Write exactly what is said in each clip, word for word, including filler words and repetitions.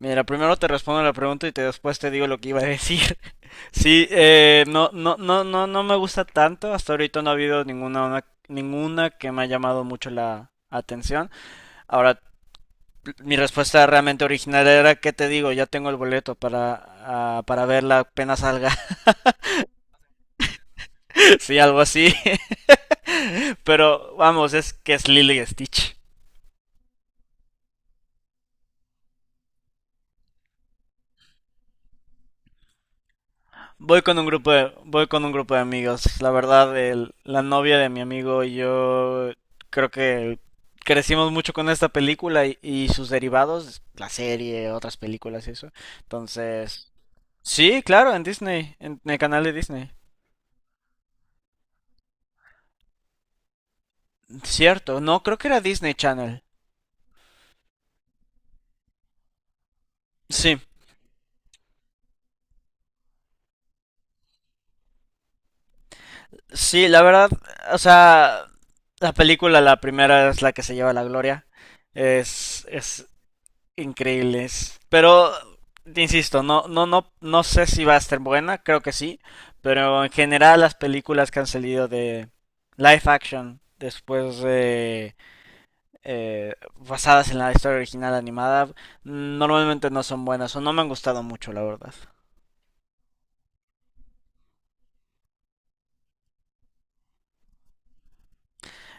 Mira, primero te respondo la pregunta y te, después te digo lo que iba a decir. Sí, eh, no, no, no, no, no me gusta tanto. Hasta ahorita no ha habido ninguna, una- ninguna que me ha llamado mucho la atención. Ahora, mi respuesta realmente original era, ¿qué te digo? Ya tengo el boleto para, ah, para verla apenas salga. Sí, algo así. Pero vamos, es que es Lily Stitch. Voy con un grupo de, voy con un grupo de amigos. La verdad, el- la novia de mi amigo y yo creo que crecimos mucho con esta película y, y sus derivados, la serie, otras películas y eso. Entonces, sí, claro, en Disney, en el canal de Disney. Cierto, no, creo que era Disney Channel. Sí, sí, la verdad, o sea, la película, la primera es la que se lleva la gloria. Es, es, Increíbles. Pero, insisto, no, no, no, no sé si va a estar buena, creo que sí. Pero en general las películas que han salido de live action después de eh, basadas en la historia original animada normalmente no son buenas o no me han gustado mucho la verdad.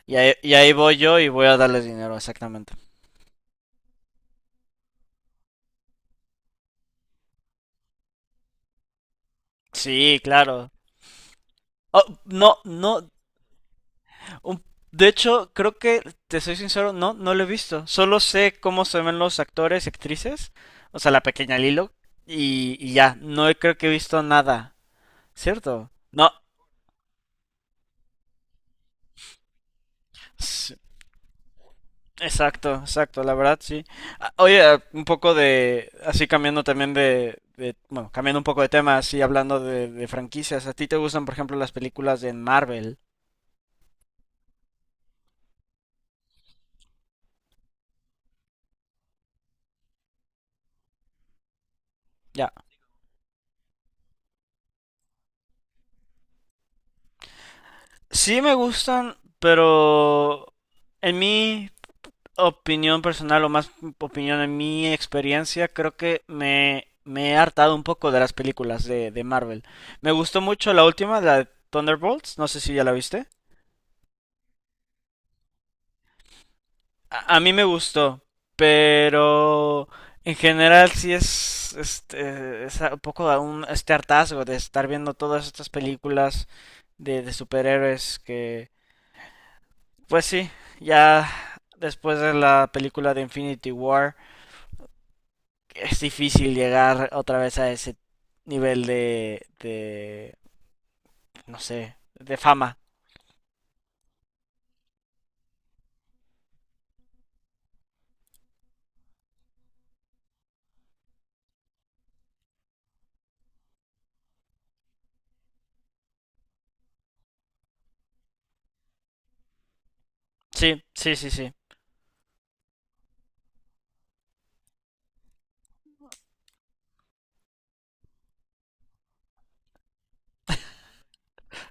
y ahí, Y ahí voy yo y voy a darles dinero, exactamente. Sí, claro. Oh, no, no. Un- De hecho, creo que, te soy sincero, no, no lo he visto. Solo sé cómo se ven los actores y actrices, o sea, la pequeña Lilo, y, y ya, no he- creo que he visto nada, ¿cierto? No, s- exacto, exacto, la verdad sí. Ah, oye, ah, un poco de, así cambiando también de, de- bueno, cambiando un poco de tema, así hablando de, de franquicias, ¿a ti te gustan, por ejemplo, las películas de Marvel? Ya. Sí me gustan, pero en mí opinión personal, o más opinión en mi experiencia, creo que me, me he hartado un poco de las películas de, de Marvel. Me gustó mucho la última, la de Thunderbolts, no sé si ya la viste. A, a mí me gustó, pero en general sí es, este, es un poco un, este hartazgo de estar viendo todas estas películas de, de superhéroes que, pues sí, ya después de la película de Infinity War es difícil llegar otra vez a ese nivel de, de, no sé, de fama. Sí, sí, sí, sí.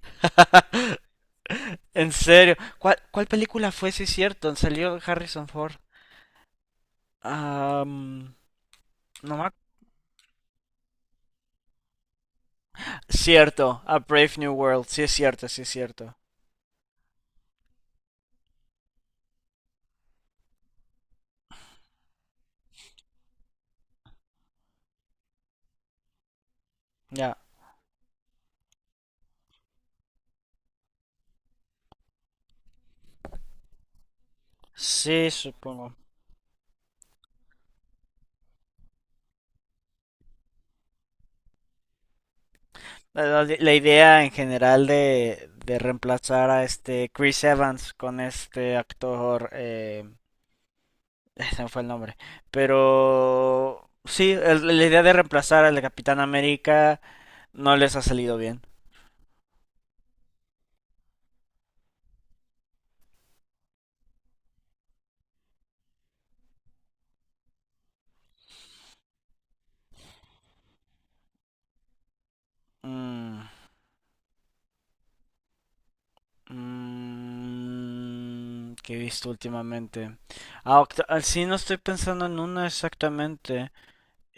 En serio, ¿cuál, ¿cuál película fue, si cierto? Salió Harrison Ford. Am, no me ac- cierto, A Brave New World, sí es cierto, sí es cierto. Ya. Sí, supongo. La, la- la idea en general de, de reemplazar a este Chris Evans con este actor, eh, ese me fue el nombre. Pero sí, el- la idea de reemplazar al de Capitán América no les ha salido bien. Mm, mm, ¿qué he visto últimamente? Ah, oct- ah, sí, no estoy pensando en una exactamente.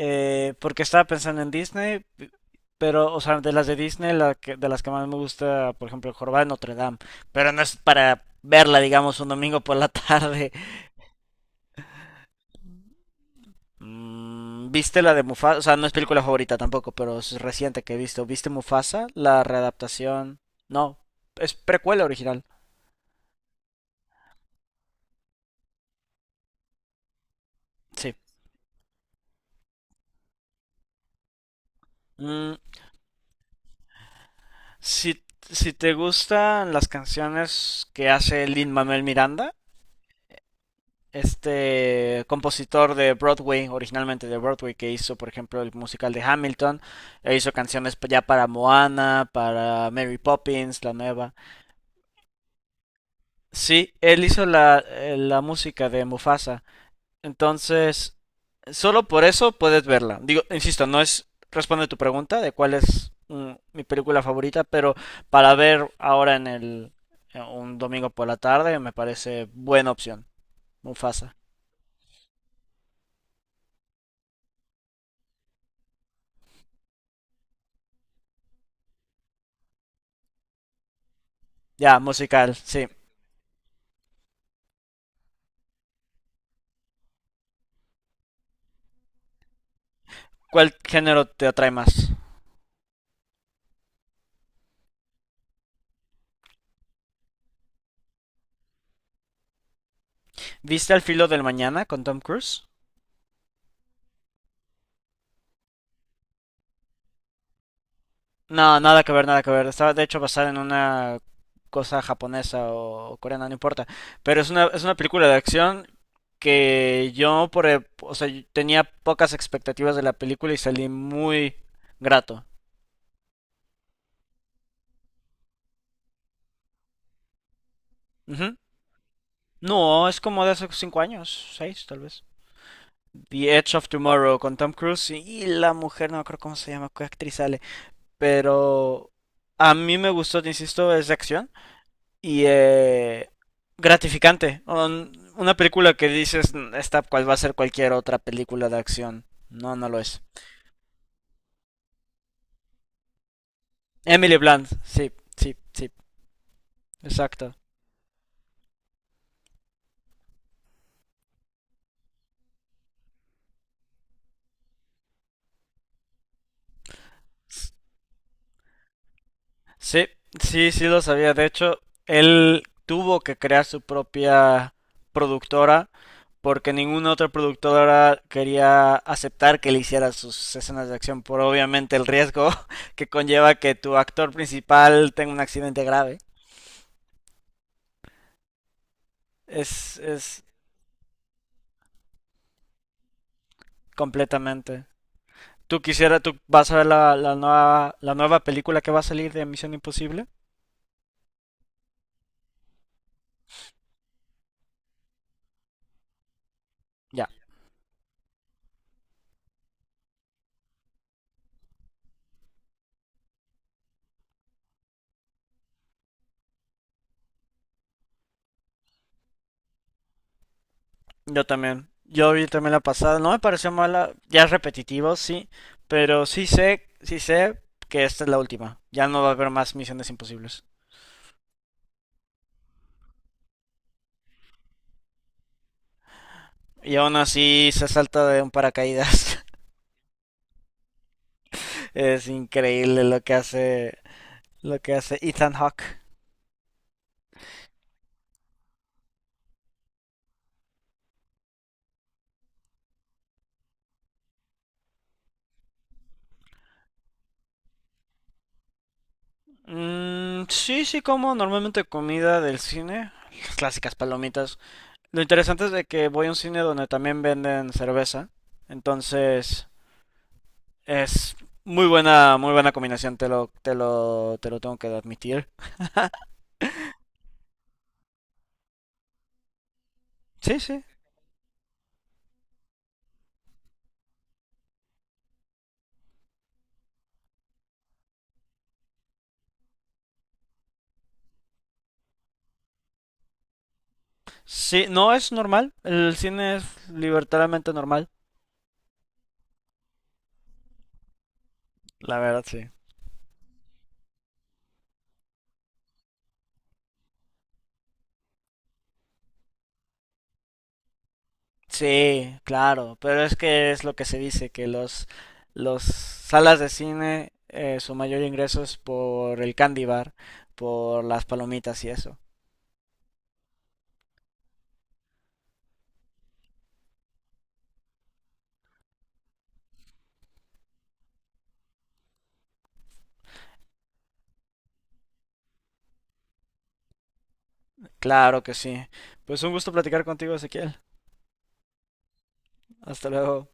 Eh, porque estaba pensando en Disney, p- pero, o sea, de las de Disney, la que- de las que más me gusta, por ejemplo, El Jorobado de Notre Dame. Pero no es para verla, digamos, un domingo por la tarde. Mm, ¿viste la de Mufasa? O sea, no es película favorita tampoco, pero es reciente que he visto. ¿Viste Mufasa? La readaptación. No, es precuela original. Sí. Mm, si, si te gustan las canciones que hace Lin-Manuel Miranda, este compositor de Broadway, originalmente de Broadway, que hizo, por ejemplo, el musical de Hamilton, e hizo canciones ya para Moana, para Mary Poppins, la nueva. Sí, él hizo la, eh, la música de Mufasa. Entonces, solo por eso puedes verla. Digo, insisto, no es responde tu pregunta de cuál es mm, mi película favorita, pero para ver ahora en el en un domingo por la tarde me parece buena opción. Mufasa. Ya, musical, sí. ¿Cuál género te atrae más? ¿Viste Al filo del mañana con Tom Cruise? No, nada que ver, nada que ver. Estaba de hecho basada en una cosa japonesa o coreana, no importa. Pero es una, es una película de acción que yo por, e- o sea, yo tenía pocas expectativas de la película y salí muy grato. Ujú. No, es como de hace cinco años, seis tal vez. The Edge of Tomorrow con Tom Cruise y, y la mujer, no me acuerdo cómo se llama, qué actriz sale, pero a mí me gustó, te insisto, es de acción y, eh, gratificante. Un- una película que dices, "Mm, esta cual va a ser cualquier otra película de acción. No, no lo es". Emily Blunt, sí, sí, sí, exacto. Sí, sí, sí lo sabía. De hecho, él tuvo que crear su propia productora porque ninguna otra productora quería aceptar que le hiciera sus escenas de acción por obviamente el riesgo que conlleva que tu actor principal tenga un accidente grave. Es, es completamente. ¿Tú quisieras, tú vas a ver la, la nueva, la nueva película que va a salir de Misión Imposible? Ya. Yo también. Yo vi también la pasada. No me pareció mala. Ya es repetitivo, sí. Pero sí sé, sí sé que esta es la última. Ya no va a haber más misiones imposibles. Y aún así se salta de un paracaídas. Es increíble lo que hace, lo que hace Ethan Hawke. Mm, sí, sí como normalmente comida del cine. Las clásicas palomitas. Lo interesante es de que voy a un cine donde también venden cerveza. Entonces, es muy buena, muy buena combinación, te lo, te lo, te lo tengo que admitir. Sí, sí. Sí, no es normal. El cine es libertariamente normal. La verdad, sí. Sí, claro. Pero es que es lo que se dice, que los, los salas de cine, eh, su mayor ingreso es por el candy bar, por las palomitas y eso. Claro que sí. Pues un gusto platicar contigo, Ezequiel. Hasta luego.